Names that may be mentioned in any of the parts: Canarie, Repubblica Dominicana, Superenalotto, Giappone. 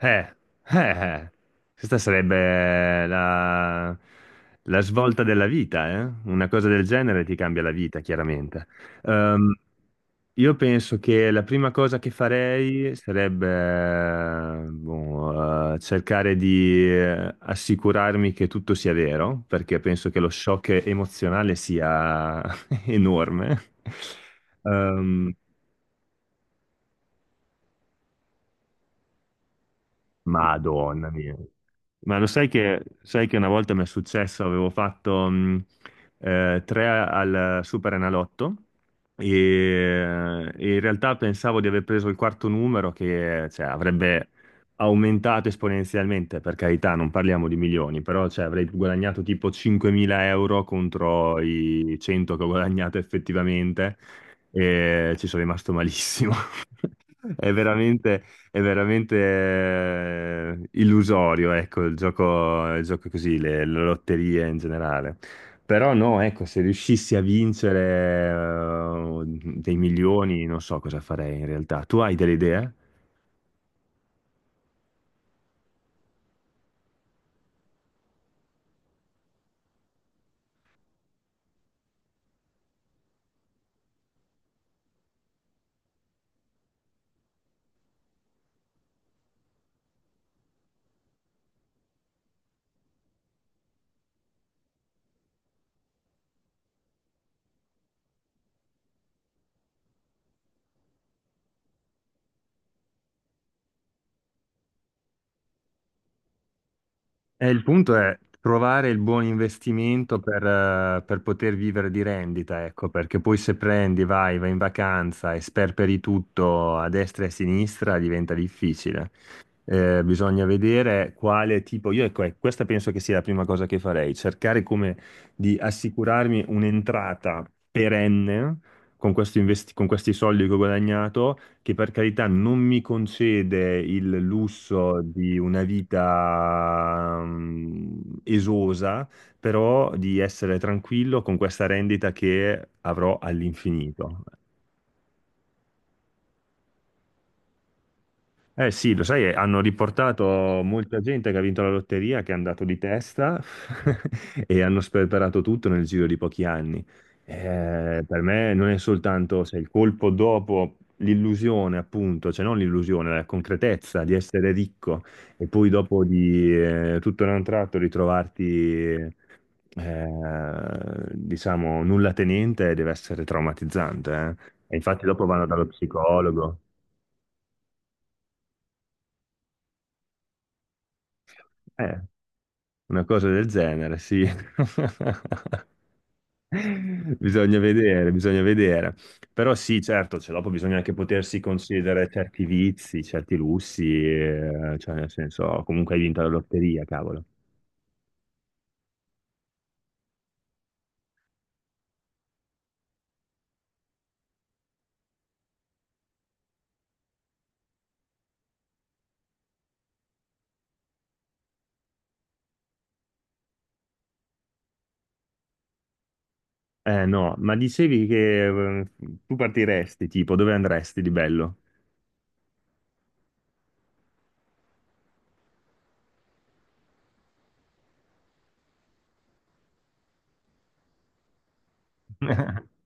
Eh, eh. Questa sarebbe la svolta della vita, eh? Una cosa del genere ti cambia la vita, chiaramente. Ehm, io penso che la prima cosa che farei sarebbe, boh, cercare di assicurarmi che tutto sia vero, perché penso che lo shock emozionale sia enorme. Ehm, Madonna mia. Ma lo sai che una volta mi è successo, avevo fatto tre al Superenalotto e in realtà pensavo di aver preso il quarto numero che cioè, avrebbe aumentato esponenzialmente, per carità, non parliamo di milioni, però cioè, avrei guadagnato tipo 5.000 euro contro i 100 che ho guadagnato effettivamente e ci sono rimasto malissimo. È veramente... È veramente illusorio, ecco, il gioco così, le lotterie in generale. Però no, ecco, se riuscissi a vincere dei milioni, non so cosa farei in realtà. Tu hai delle idee? E il punto è trovare il buon investimento per poter vivere di rendita, ecco, perché poi se prendi, vai in vacanza e sperperi tutto a destra e a sinistra, diventa difficile. Bisogna vedere quale tipo, io ecco, questa penso che sia la prima cosa che farei, cercare come di assicurarmi un'entrata perenne con questi soldi che ho guadagnato, che per carità non mi concede il lusso di una vita esosa, però di essere tranquillo con questa rendita che avrò all'infinito. Eh sì, lo sai, hanno riportato molta gente che ha vinto la lotteria, che è andato di testa e hanno sperperato tutto nel giro di pochi anni. Per me non è soltanto se il colpo dopo l'illusione, appunto, cioè non l'illusione, la concretezza di essere ricco e poi dopo di tutto in un tratto ritrovarti, diciamo, nulla tenente, deve essere traumatizzante. E infatti dopo vanno dallo psicologo. Eh. Una cosa del genere, sì. Bisogna vedere, bisogna vedere. Però sì, certo, cioè, dopo bisogna anche potersi concedere certi vizi, certi lussi, cioè nel senso, comunque hai vinto la lotteria, cavolo. Eh no, ma dicevi che eh, tu partiresti, tipo, dove andresti di bello?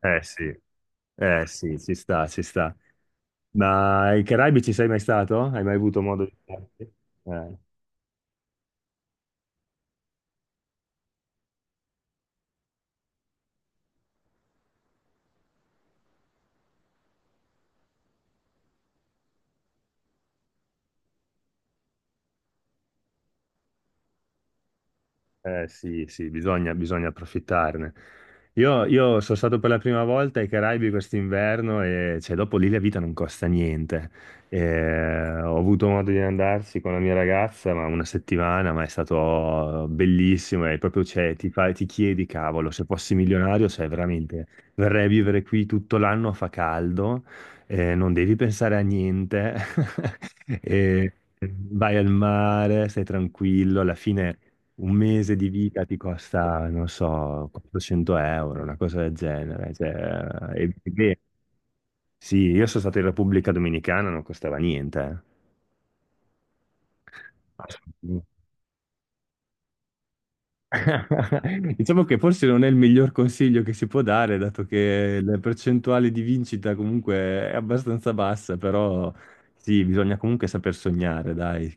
Eh sì, eh sì, ci sta, ci sta. Ma ai Caraibi ci sei mai stato? Hai mai avuto modo di starci? Eh. Sì, sì, bisogna, bisogna approfittarne. Io sono stato per la prima volta ai Caraibi quest'inverno e cioè, dopo lì la vita non costa niente. Ho avuto modo di andarci con la mia ragazza, ma una settimana, ma è stato bellissimo e proprio cioè, ti chiedi, cavolo, se fossi milionario, cioè veramente verrei a vivere qui tutto l'anno, fa caldo, non devi pensare a niente, e vai al mare, stai tranquillo, alla fine un mese di vita ti costa, non so, 400 euro, una cosa del genere. Cioè, e beh, sì, io sono stato in Repubblica Dominicana, non costava niente. Assolutamente. Diciamo che forse non è il miglior consiglio che si può dare, dato che la percentuale di vincita comunque è abbastanza bassa, però sì, bisogna comunque saper sognare, dai.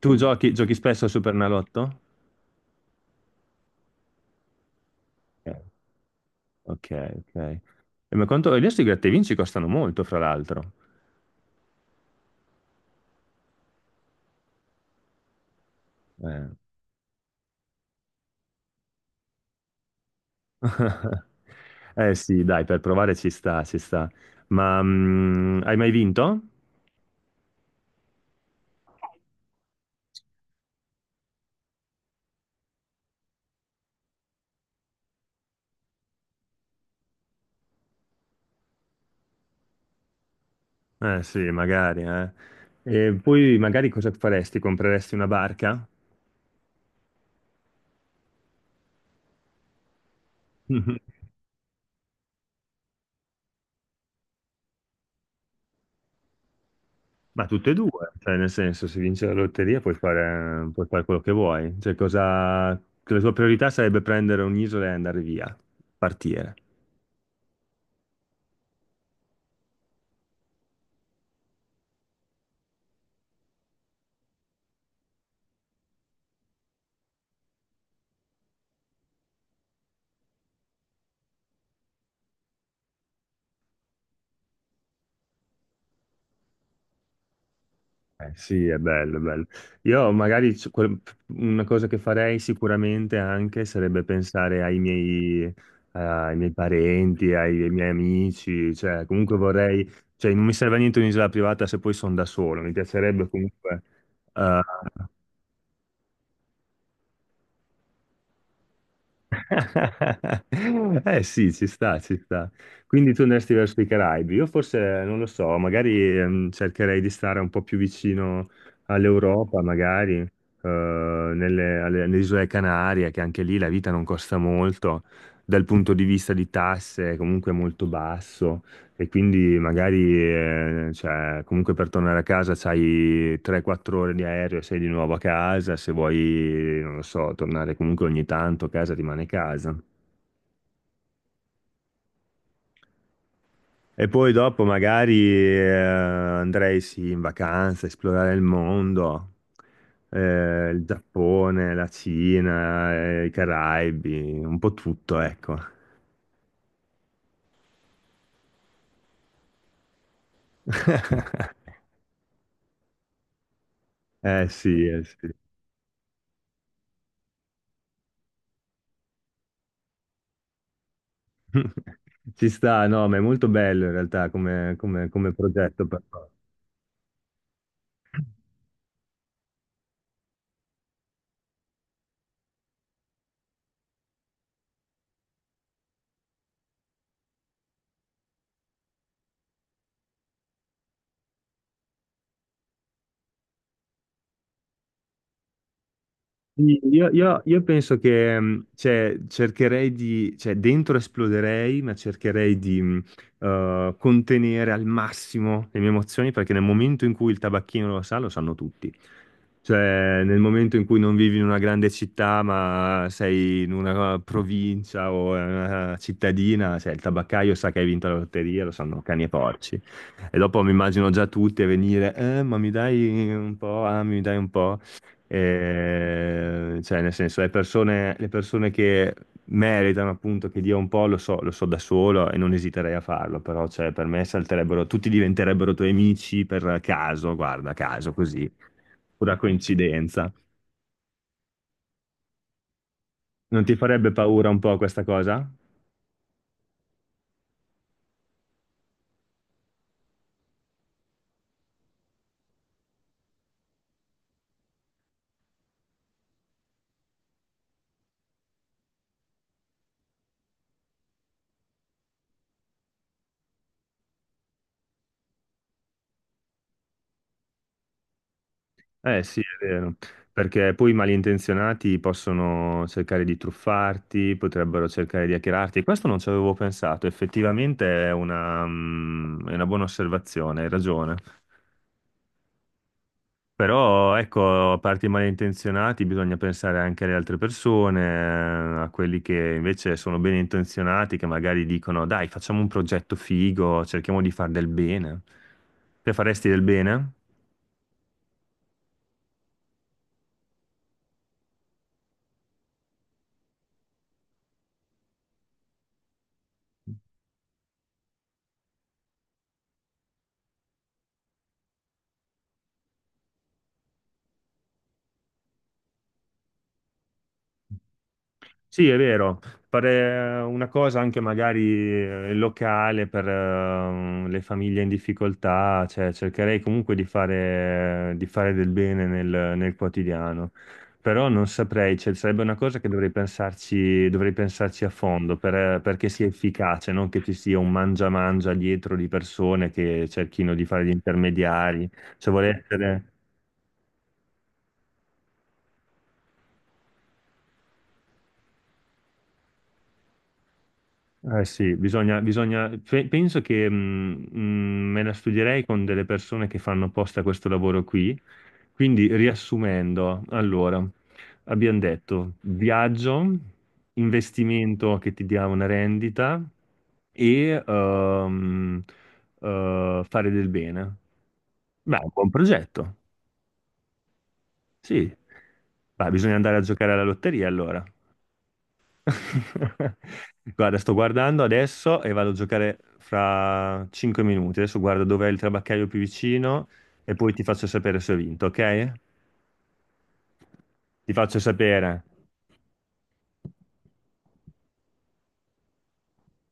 Tu giochi spesso al Supernalotto? Ok, ok. Ok. E ma quanto... Adesso i gratta e vinci costano molto, fra l'altro. Eh. Eh sì, dai, per provare ci sta, ci sta. Ma hai mai vinto? Eh sì, magari, eh. E poi magari cosa faresti? Compreresti una barca? Ma tutte e due, cioè nel senso, se vinci la lotteria puoi fare quello che vuoi. Cioè, cosa... La tua priorità sarebbe prendere un'isola e andare via, partire. Sì, è bello, è bello. Io magari una cosa che farei sicuramente anche sarebbe pensare ai miei parenti, ai miei amici, cioè comunque vorrei, cioè non mi serve a niente un'isola privata se poi sono da solo, mi piacerebbe comunque eh, Eh sì, ci sta, ci sta. Quindi tu andresti verso i Caraibi. Io forse, non lo so, magari cercherei di stare un po' più vicino all'Europa, magari, alle isole Canarie, che anche lì la vita non costa molto, dal punto di vista di tasse è comunque molto basso. E quindi magari, cioè, comunque per tornare a casa c'hai 3-4 ore di aereo e sei di nuovo a casa, se vuoi, non lo so, tornare comunque ogni tanto, casa rimane casa. E poi dopo magari andrei sì in vacanza, esplorare il mondo, il Giappone, la Cina, i Caraibi, un po' tutto, ecco. Eh sì, eh sì. Ci sta, no, ma è molto bello in realtà come progetto. Sì, io penso che cioè, cercherei di, cioè dentro esploderei, ma cercherei di contenere al massimo le mie emozioni perché nel momento in cui il tabacchino lo sa, lo sanno tutti. Cioè, nel momento in cui non vivi in una grande città, ma sei in una provincia o in una cittadina, cioè il tabaccaio sa che hai vinto la lotteria, lo sanno cani e porci. E dopo mi immagino già tutti a venire, ma mi dai un po', ah, mi dai un po'. E, cioè, nel senso, le persone, che meritano appunto che dia un po', lo so da solo e non esiterei a farlo, però cioè, per me salterebbero, tutti diventerebbero tuoi amici per caso, guarda, caso così, pura coincidenza. Non ti farebbe paura un po' questa cosa? Eh sì, è vero, perché poi i malintenzionati possono cercare di truffarti, potrebbero cercare di hackerarti, questo non ci avevo pensato, effettivamente è una buona osservazione, hai ragione. Però ecco, a parte i malintenzionati, bisogna pensare anche alle altre persone, a quelli che invece sono ben intenzionati, che magari dicono: Dai, facciamo un progetto figo, cerchiamo di far del bene. Te faresti del bene? Sì, è vero, fare una cosa anche magari locale per le famiglie in difficoltà, cioè cercherei comunque di fare, del bene nel quotidiano, però non saprei, cioè, sarebbe una cosa che dovrei pensarci a fondo perché sia efficace, non che ci sia un mangia-mangia dietro di persone che cerchino di fare gli intermediari, cioè vorrei essere Eh sì, bisogna, bisogna, penso che me la studierei con delle persone che fanno apposta questo lavoro qui. Quindi, riassumendo, allora, abbiamo detto viaggio, investimento che ti dia una rendita e fare del bene. Beh, è un buon progetto, sì. Beh, bisogna andare a giocare alla lotteria allora. Guarda, sto guardando adesso e vado a giocare fra 5 minuti. Adesso guardo dov'è il trabaccaio più vicino e poi ti faccio sapere se ho vinto, ok? Ti faccio sapere.